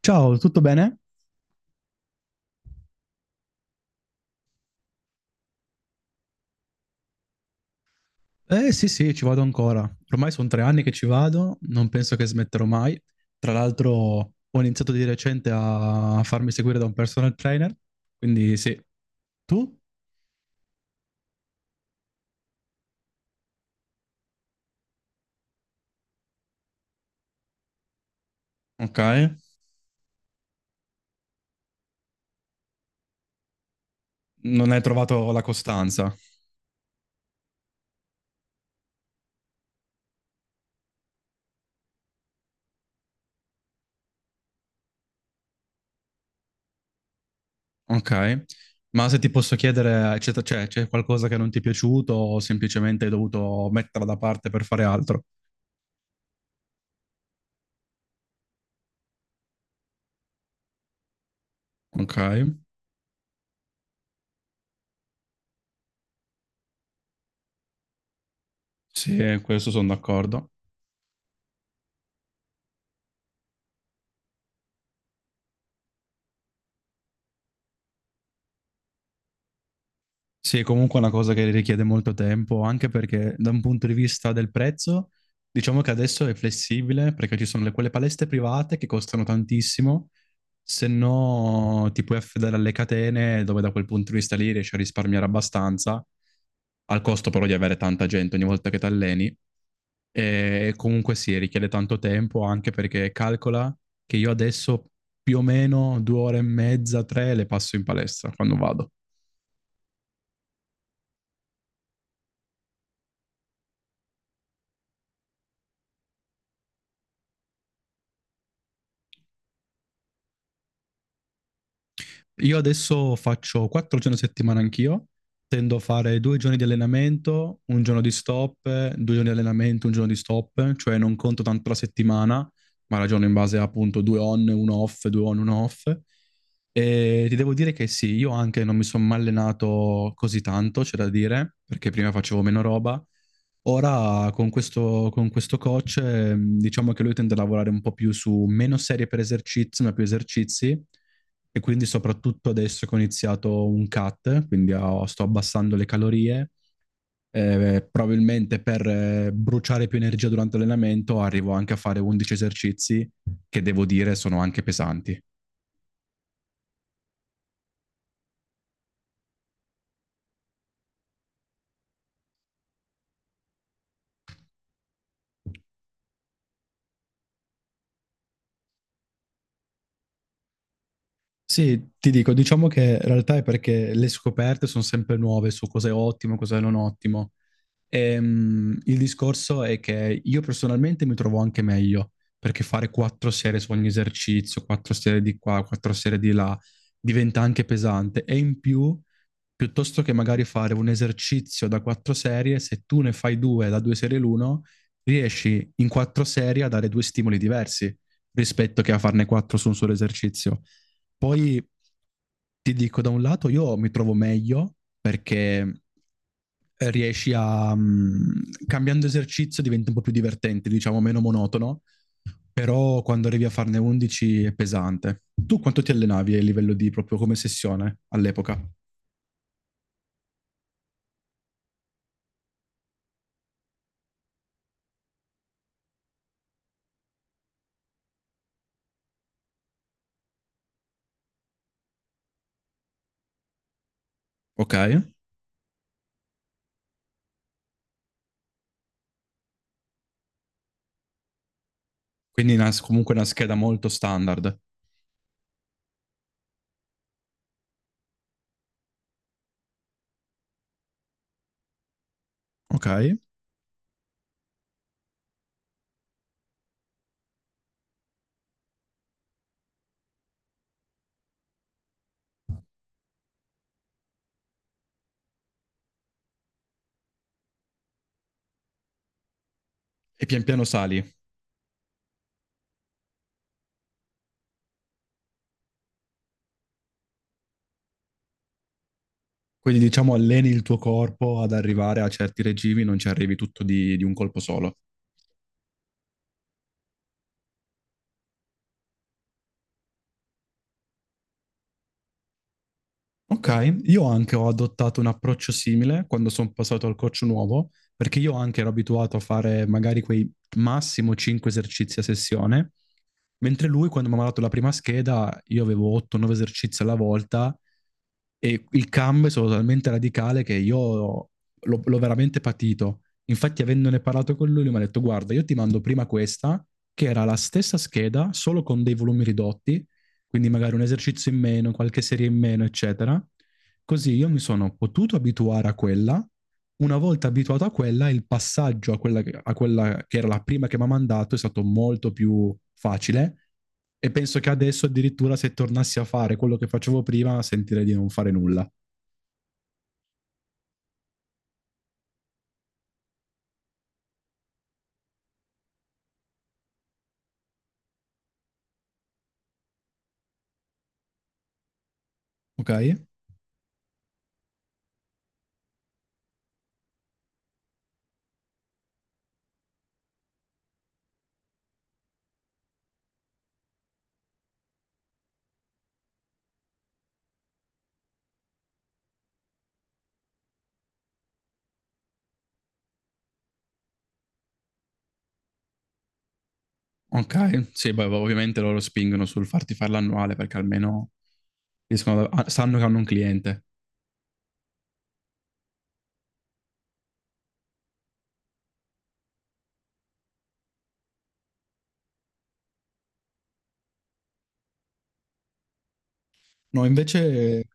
Ciao, tutto bene? Eh sì, sì, ci vado ancora. Ormai sono tre anni che ci vado, non penso che smetterò mai. Tra l'altro ho iniziato di recente a farmi seguire da un personal trainer, quindi sì. Tu? Ok. Non hai trovato la costanza. Ok. Ma se ti posso chiedere, c'è qualcosa che non ti è piaciuto o semplicemente hai dovuto metterla da parte per fare altro? Ok. Sì, questo sono d'accordo. Sì, è comunque una cosa che richiede molto tempo, anche perché da un punto di vista del prezzo, diciamo che adesso è flessibile, perché ci sono quelle palestre private che costano tantissimo, se no ti puoi affidare alle catene, dove da quel punto di vista lì riesci a risparmiare abbastanza, al costo però di avere tanta gente ogni volta che ti alleni. E comunque sì, richiede tanto tempo, anche perché calcola che io adesso più o meno due ore e mezza, tre le passo in palestra quando vado. Io adesso faccio quattro giorni a settimana anch'io, tendo a fare due giorni di allenamento, un giorno di stop, due giorni di allenamento, un giorno di stop, cioè non conto tanto la settimana, ma ragiono in base a appunto due on, uno off, due on, uno off. E ti devo dire che sì, io anche non mi sono mai allenato così tanto, c'è da dire, perché prima facevo meno roba. Ora con questo coach, diciamo che lui tende a lavorare un po' più su meno serie per esercizi, ma più esercizi, e quindi soprattutto adesso che ho iniziato un cut, quindi sto abbassando le calorie, probabilmente per bruciare più energia durante l'allenamento arrivo anche a fare 11 esercizi che devo dire sono anche pesanti. Sì, ti dico, diciamo che in realtà è perché le scoperte sono sempre nuove su cosa è ottimo, cosa è non ottimo. Il discorso è che io personalmente mi trovo anche meglio, perché fare quattro serie su ogni esercizio, quattro serie di qua, quattro serie di là, diventa anche pesante. E in più, piuttosto che magari fare un esercizio da quattro serie, se tu ne fai due da due serie l'uno, riesci in quattro serie a dare due stimoli diversi rispetto che a farne quattro su un solo esercizio. Poi ti dico, da un lato io mi trovo meglio perché riesci a, cambiando esercizio diventa un po' più divertente, diciamo meno monotono, però quando arrivi a farne 11 è pesante. Tu quanto ti allenavi a livello di proprio come sessione all'epoca? Ok? Quindi comunque una scheda molto standard. Ok? E pian piano sali. Quindi diciamo alleni il tuo corpo ad arrivare a certi regimi, non ci arrivi tutto di un colpo solo. Ok, io anche ho adottato un approccio simile quando sono passato al coach nuovo, perché io anche ero abituato a fare magari quei massimo 5 esercizi a sessione. Mentre lui, quando mi ha mandato la prima scheda, io avevo 8-9 esercizi alla volta e il cambio è stato talmente radicale che io l'ho veramente patito. Infatti, avendone parlato con lui, lui mi ha detto: "Guarda, io ti mando prima questa, che era la stessa scheda, solo con dei volumi ridotti, quindi magari un esercizio in meno, qualche serie in meno, eccetera. Così io mi sono potuto abituare a quella. Una volta abituato a quella, il passaggio a quella, a quella che era la prima che mi ha mandato è stato molto più facile e penso che adesso addirittura se tornassi a fare quello che facevo prima sentirei di non fare nulla." Ok? Ok, sì, beh, ovviamente loro spingono sul farti fare l'annuale perché almeno sanno che hanno un cliente. No, invece,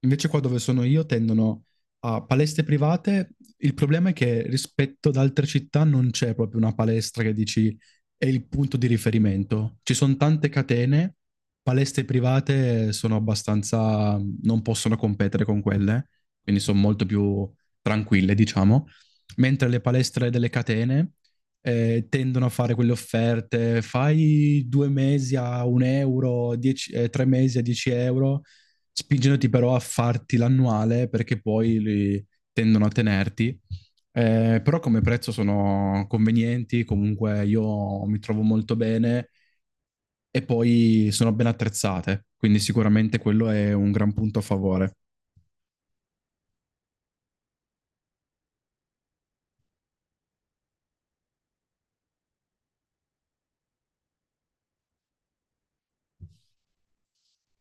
invece qua dove sono io tendono a palestre private. Il problema è che rispetto ad altre città non c'è proprio una palestra che dici è il punto di riferimento. Ci sono tante catene, palestre private sono abbastanza, non possono competere con quelle, quindi sono molto più tranquille, diciamo. Mentre le palestre delle catene tendono a fare quelle offerte, fai due mesi a un euro, tre mesi a 10 euro, spingendoti però a farti l'annuale perché poi li tendono a tenerti. Però come prezzo sono convenienti, comunque io mi trovo molto bene e poi sono ben attrezzate, quindi sicuramente quello è un gran punto a favore.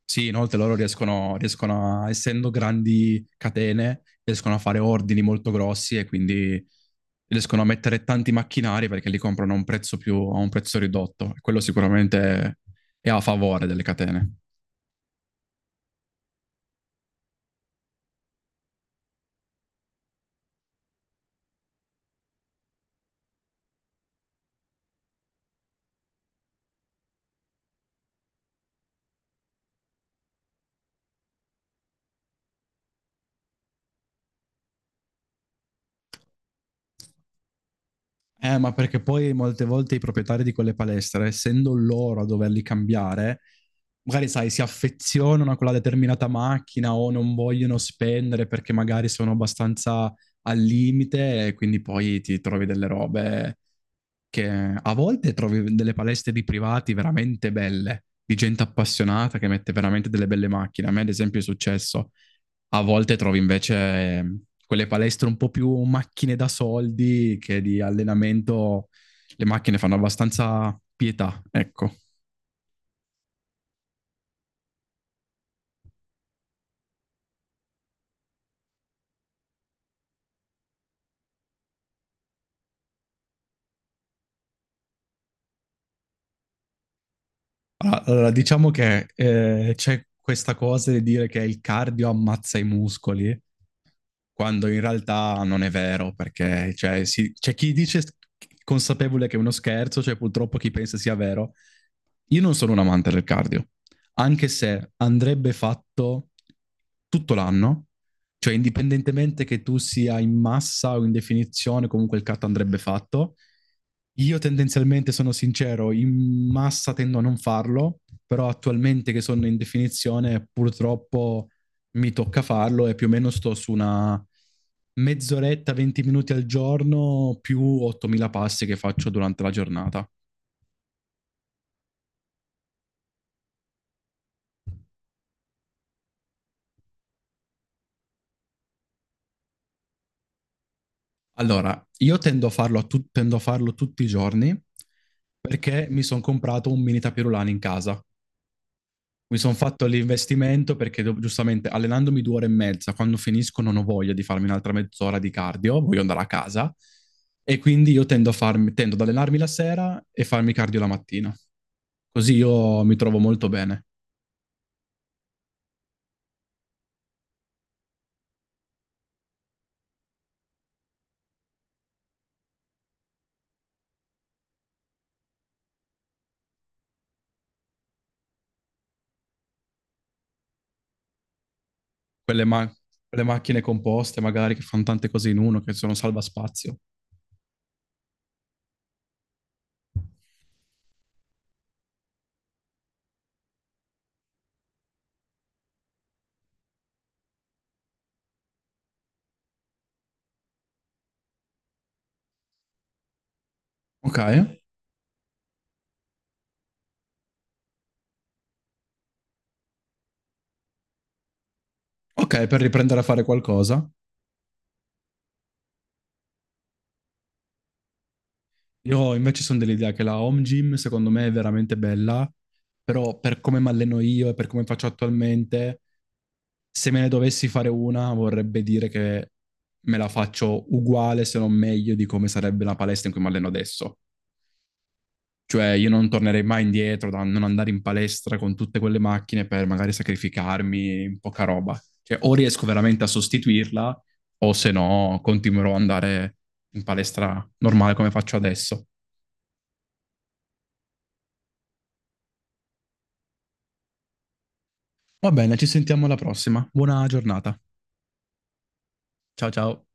Sì, inoltre loro riescono a, essendo grandi catene, riescono a fare ordini molto grossi e quindi riescono a mettere tanti macchinari perché li comprano a un prezzo ridotto. Quello sicuramente è a favore delle catene. Ma perché poi molte volte i proprietari di quelle palestre, essendo loro a doverli cambiare, magari sai, si affezionano a quella determinata macchina o non vogliono spendere perché magari sono abbastanza al limite e quindi poi ti trovi delle robe che a volte trovi delle palestre di privati veramente belle, di gente appassionata che mette veramente delle belle macchine. A me, ad esempio, è successo. A volte trovi invece quelle palestre un po' più macchine da soldi che di allenamento, le macchine fanno abbastanza pietà, ecco. Allora, diciamo che c'è questa cosa di dire che il cardio ammazza i muscoli quando in realtà non è vero, perché cioè, c'è chi dice consapevole che è uno scherzo, c'è cioè, purtroppo chi pensa sia vero, io non sono un amante del cardio, anche se andrebbe fatto tutto l'anno, cioè indipendentemente che tu sia in massa o in definizione, comunque il cardio andrebbe fatto. Io tendenzialmente sono sincero, in massa tendo a non farlo, però attualmente che sono in definizione purtroppo mi tocca farlo e più o meno sto su una mezz'oretta, 20 minuti al giorno più 8.000 passi che faccio durante la giornata. Allora, io tendo a farlo, tendo a farlo tutti i giorni perché mi sono comprato un mini tapirulano in casa. Mi sono fatto l'investimento perché giustamente allenandomi due ore e mezza, quando finisco non ho voglia di farmi un'altra mezz'ora di cardio, voglio andare a casa e quindi io tendo ad allenarmi la sera e farmi cardio la mattina. Così io mi trovo molto bene. Quelle, ma- quelle macchine composte magari che fanno tante cose in uno, che sono salvaspazio. Ok, ok, per riprendere a fare qualcosa. Io invece sono dell'idea che la home gym secondo me è veramente bella, però per come mi alleno io e per come faccio attualmente, se me ne dovessi fare una vorrebbe dire che me la faccio uguale se non meglio di come sarebbe la palestra in cui mi alleno adesso. Cioè io non tornerei mai indietro da non andare in palestra con tutte quelle macchine per magari sacrificarmi in poca roba. Cioè o riesco veramente a sostituirla o se no continuerò ad andare in palestra normale come faccio adesso. Va bene, ci sentiamo alla prossima. Buona giornata. Ciao ciao.